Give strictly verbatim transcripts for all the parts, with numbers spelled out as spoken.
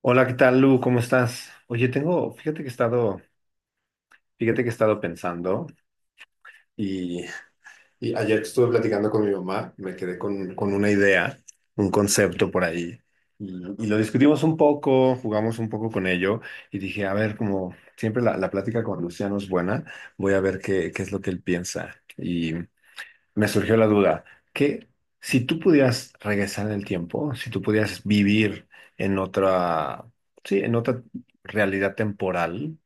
Hola, ¿qué tal, Lu? ¿Cómo estás? Oye, tengo, fíjate que he estado, fíjate que he estado pensando y, y ayer estuve platicando con mi mamá, me quedé con, con una idea, un concepto por ahí y, y lo discutimos un poco, jugamos un poco con ello y dije, a ver, como siempre la, la plática con Luciano es buena, voy a ver qué, qué es lo que él piensa. Me surgió la duda, que si tú pudieras regresar en el tiempo, si tú pudieras vivir en otra, sí, en otra realidad temporal,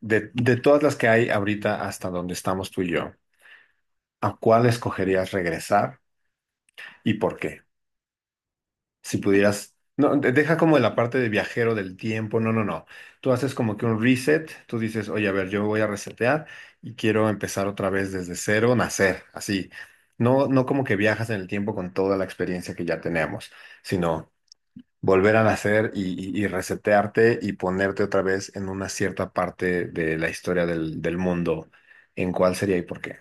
de, de todas las que hay ahorita hasta donde estamos tú y yo, ¿a cuál escogerías regresar y por qué? Si pudieras, no, de- deja como la parte de viajero del tiempo, no, no, no. Tú haces como que un reset, tú dices, oye, a ver, yo voy a resetear y quiero empezar otra vez desde cero, nacer, así. No, no como que viajas en el tiempo con toda la experiencia que ya tenemos, sino volver a nacer y, y- y resetearte y ponerte otra vez en una cierta parte de la historia del, del mundo, en cuál sería y por qué.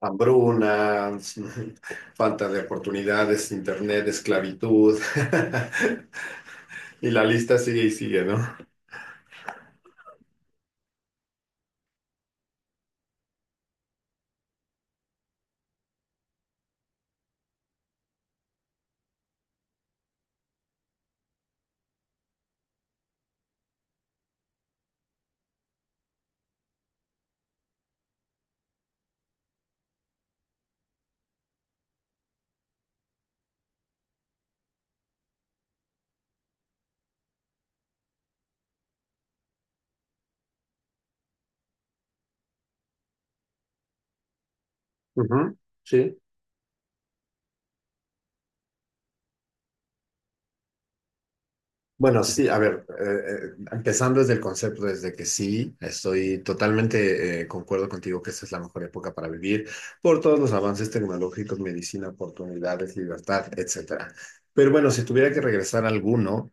Hambruna, falta de oportunidades, internet, esclavitud. Y la lista sigue y sigue, ¿no? Ujú. Sí. Bueno, sí, a ver, eh, eh, empezando desde el concepto, desde que sí, estoy totalmente eh, concuerdo contigo que esta es la mejor época para vivir por todos los avances tecnológicos, medicina, oportunidades, libertad, etcétera. Pero bueno, si tuviera que regresar a alguno,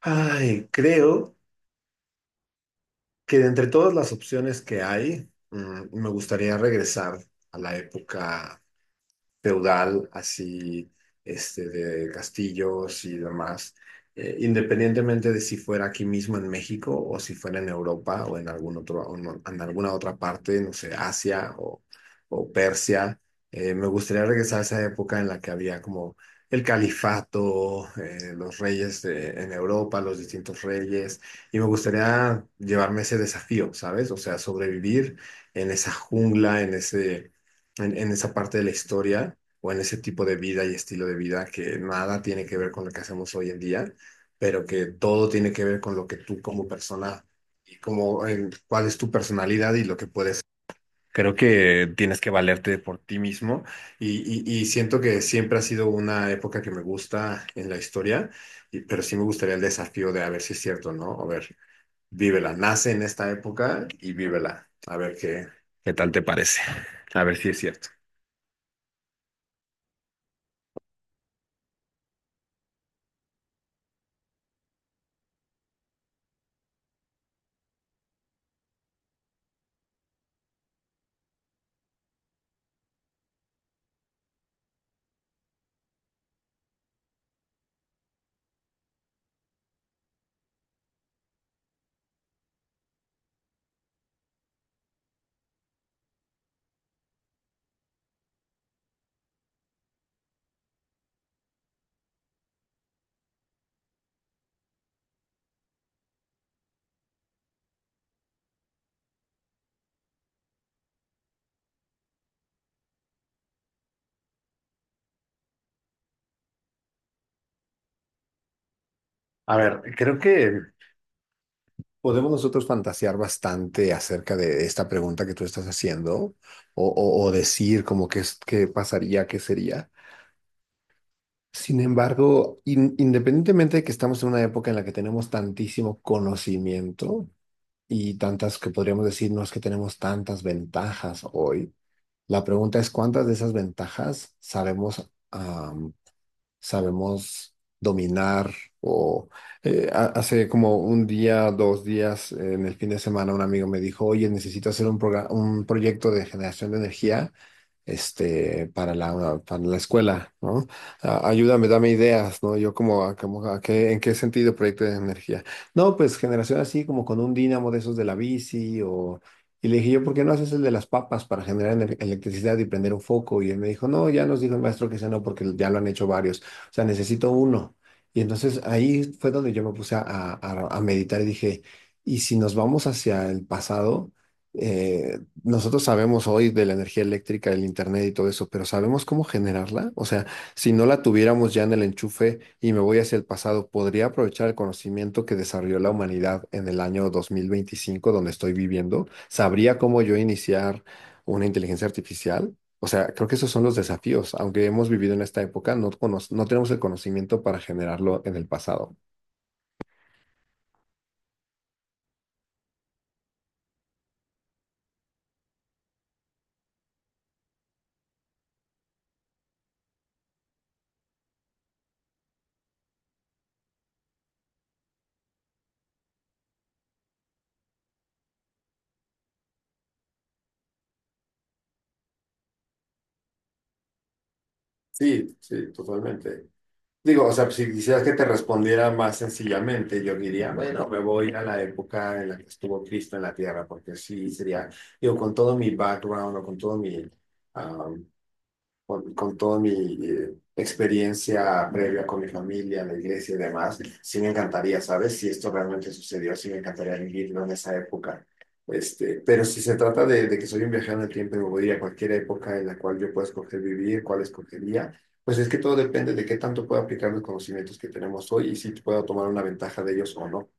ay, creo que de entre todas las opciones que hay, mm, me gustaría regresar a la época feudal, así, este, de castillos y demás, eh, independientemente de si fuera aquí mismo en México o si fuera en Europa o en algún otro, o en, en alguna otra parte, no sé, Asia o, o Persia. Eh, me gustaría regresar a esa época en la que había como el califato, eh, los reyes de- en Europa, los distintos reyes, y me gustaría llevarme ese desafío, ¿sabes? O sea, sobrevivir en esa jungla, en ese, en, en esa parte de la historia o en ese tipo de vida y estilo de vida que nada tiene que ver con lo que hacemos hoy en día, pero que todo tiene que ver con lo que tú como persona y como en, cuál es tu personalidad y lo que puedes. Creo que tienes que valerte por ti mismo y, y, y siento que siempre ha sido una época que me gusta en la historia, y- pero sí me gustaría el desafío de a ver si es cierto, ¿no? A ver, vívela, nace en esta época y vívela, a ver qué, qué tal te parece, a ver si es cierto. A ver, creo que podemos nosotros fantasear bastante acerca de esta pregunta que tú estás haciendo o, o- o decir como que es, qué pasaría, qué sería. Sin embargo, in- independientemente de que estamos en una época en la que tenemos tantísimo conocimiento y tantas que podríamos decir, no es que tenemos tantas ventajas hoy, la pregunta es cuántas de esas ventajas sabemos sabemos dominar o, eh, ha- hace como un día, dos días, eh, en el fin de semana un amigo me dijo, oye, necesito hacer un, progra- un proyecto de generación de energía, este, para la, para la escuela, ¿no? A- Ayúdame, dame ideas, ¿no? Yo como, a- como a qué, ¿en qué sentido proyecto de energía? No, pues generación así como con un dínamo de esos de la bici o... Y le dije yo, ¿por qué no haces el de las papas para generar ener- electricidad y prender un foco? Y él me dijo, no, ya nos dijo el maestro que ese no, porque ya lo han hecho varios. O sea, necesito uno. Y entonces ahí fue donde yo me puse a, a- a meditar y dije, ¿y si nos vamos hacia el pasado? Eh, nosotros sabemos hoy de la energía eléctrica, el internet y todo eso, pero ¿sabemos cómo generarla? O sea, si no la tuviéramos ya en el enchufe y me voy hacia el pasado, ¿podría aprovechar el conocimiento que desarrolló la humanidad en el año dos mil veinticinco, donde estoy viviendo? ¿Sabría cómo yo iniciar una inteligencia artificial? O sea, creo que esos son los desafíos. Aunque hemos vivido en esta época, no, cono- no tenemos el conocimiento para generarlo en el pasado. Sí, sí, totalmente. Digo, o sea, si quisieras que te respondiera más sencillamente, yo diría, bueno, me voy a la época en la que estuvo Cristo en la tierra, porque sí sería, digo, con todo mi background o con todo mi, con, con toda mi eh, experiencia previa con mi familia, la iglesia y demás, sí me encantaría, ¿sabes? Si esto realmente sucedió, sí me encantaría vivirlo en esa época. Este, pero si se trata de, de que soy un viajero en el tiempo y me voy a ir a cualquier época en la cual yo pueda escoger vivir, cuál escogería, pues es que todo depende de qué tanto pueda aplicar los conocimientos que tenemos hoy y si puedo tomar una ventaja de ellos o no.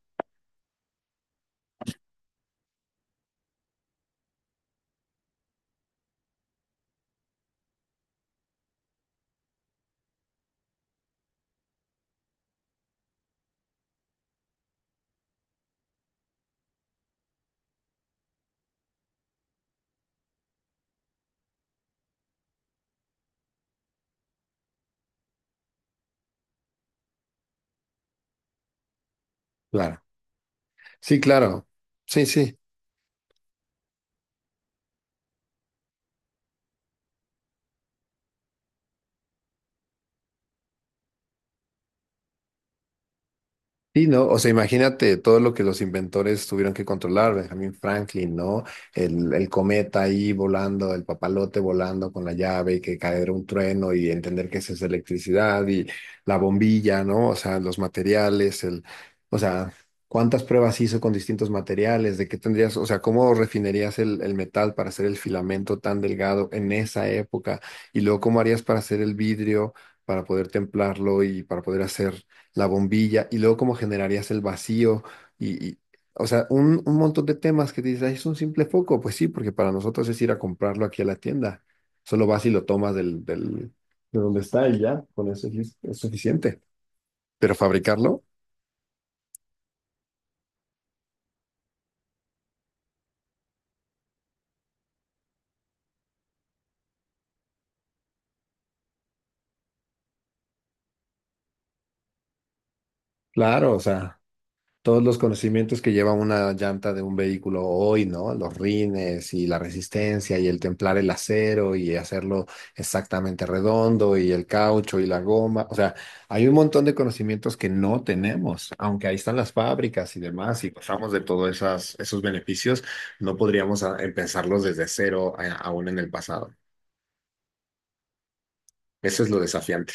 Claro. Sí, claro. Sí, sí. Sí, ¿no? O sea, imagínate todo lo que los inventores tuvieron que controlar, Benjamin Franklin, ¿no? El, el cometa ahí volando, el papalote volando con la llave, que caer un trueno y entender que esa es electricidad y la bombilla, ¿no? O sea, los materiales, el, o sea, cuántas pruebas hizo con distintos materiales, de qué tendrías, o sea, cómo refinerías el, el metal para hacer el filamento tan delgado en esa época y luego cómo harías para hacer el vidrio, para poder templarlo y para poder hacer la bombilla y luego cómo generarías el vacío y, y- o sea, un, un montón de temas que dices, "Ay, es un simple foco, pues sí, porque para nosotros es ir a comprarlo aquí a la tienda, solo vas y lo tomas del, del, de donde está y ya, con eso es, es suficiente, pero fabricarlo, claro, o sea, todos los conocimientos que lleva una llanta de un vehículo hoy, ¿no? Los rines y la resistencia y el templar el acero y hacerlo exactamente redondo y el caucho y la goma. O sea, hay un montón de conocimientos que no tenemos, aunque ahí están las fábricas y demás y pasamos de todos esas, esos beneficios, no podríamos ah, empezarlos desde cero, eh, aún en el pasado. Eso es lo desafiante.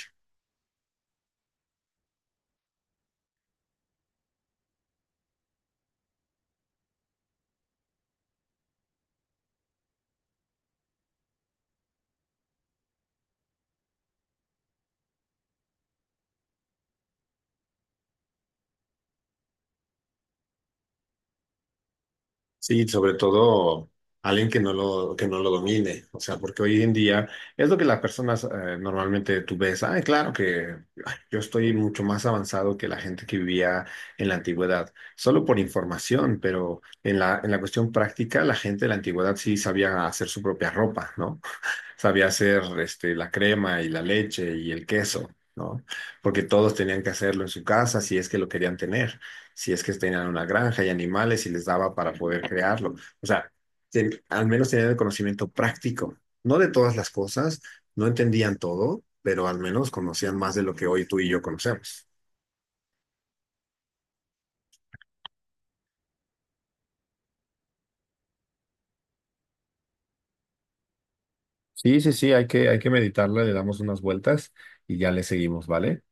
Sí, sobre todo alguien que no lo, que no lo domine, o sea, porque hoy en día es lo que las personas eh, normalmente tú ves, ay, claro que ay, yo estoy mucho más avanzado que la gente que vivía en la antigüedad, solo por información, pero en la, en la cuestión práctica, la gente de la antigüedad sí sabía hacer su propia ropa, ¿no? Sabía hacer este, la crema y la leche y el queso, ¿no? Porque todos tenían que hacerlo en su casa si es que lo querían tener, si es que tenían una granja y animales y les daba para poder crearlo. O sea, ten- al menos tenían el conocimiento práctico, no de todas las cosas, no entendían todo, pero al menos conocían más de lo que hoy tú y yo conocemos. Sí, sí, sí, hay que, hay que meditarla, le damos unas vueltas y ya le seguimos, ¿vale?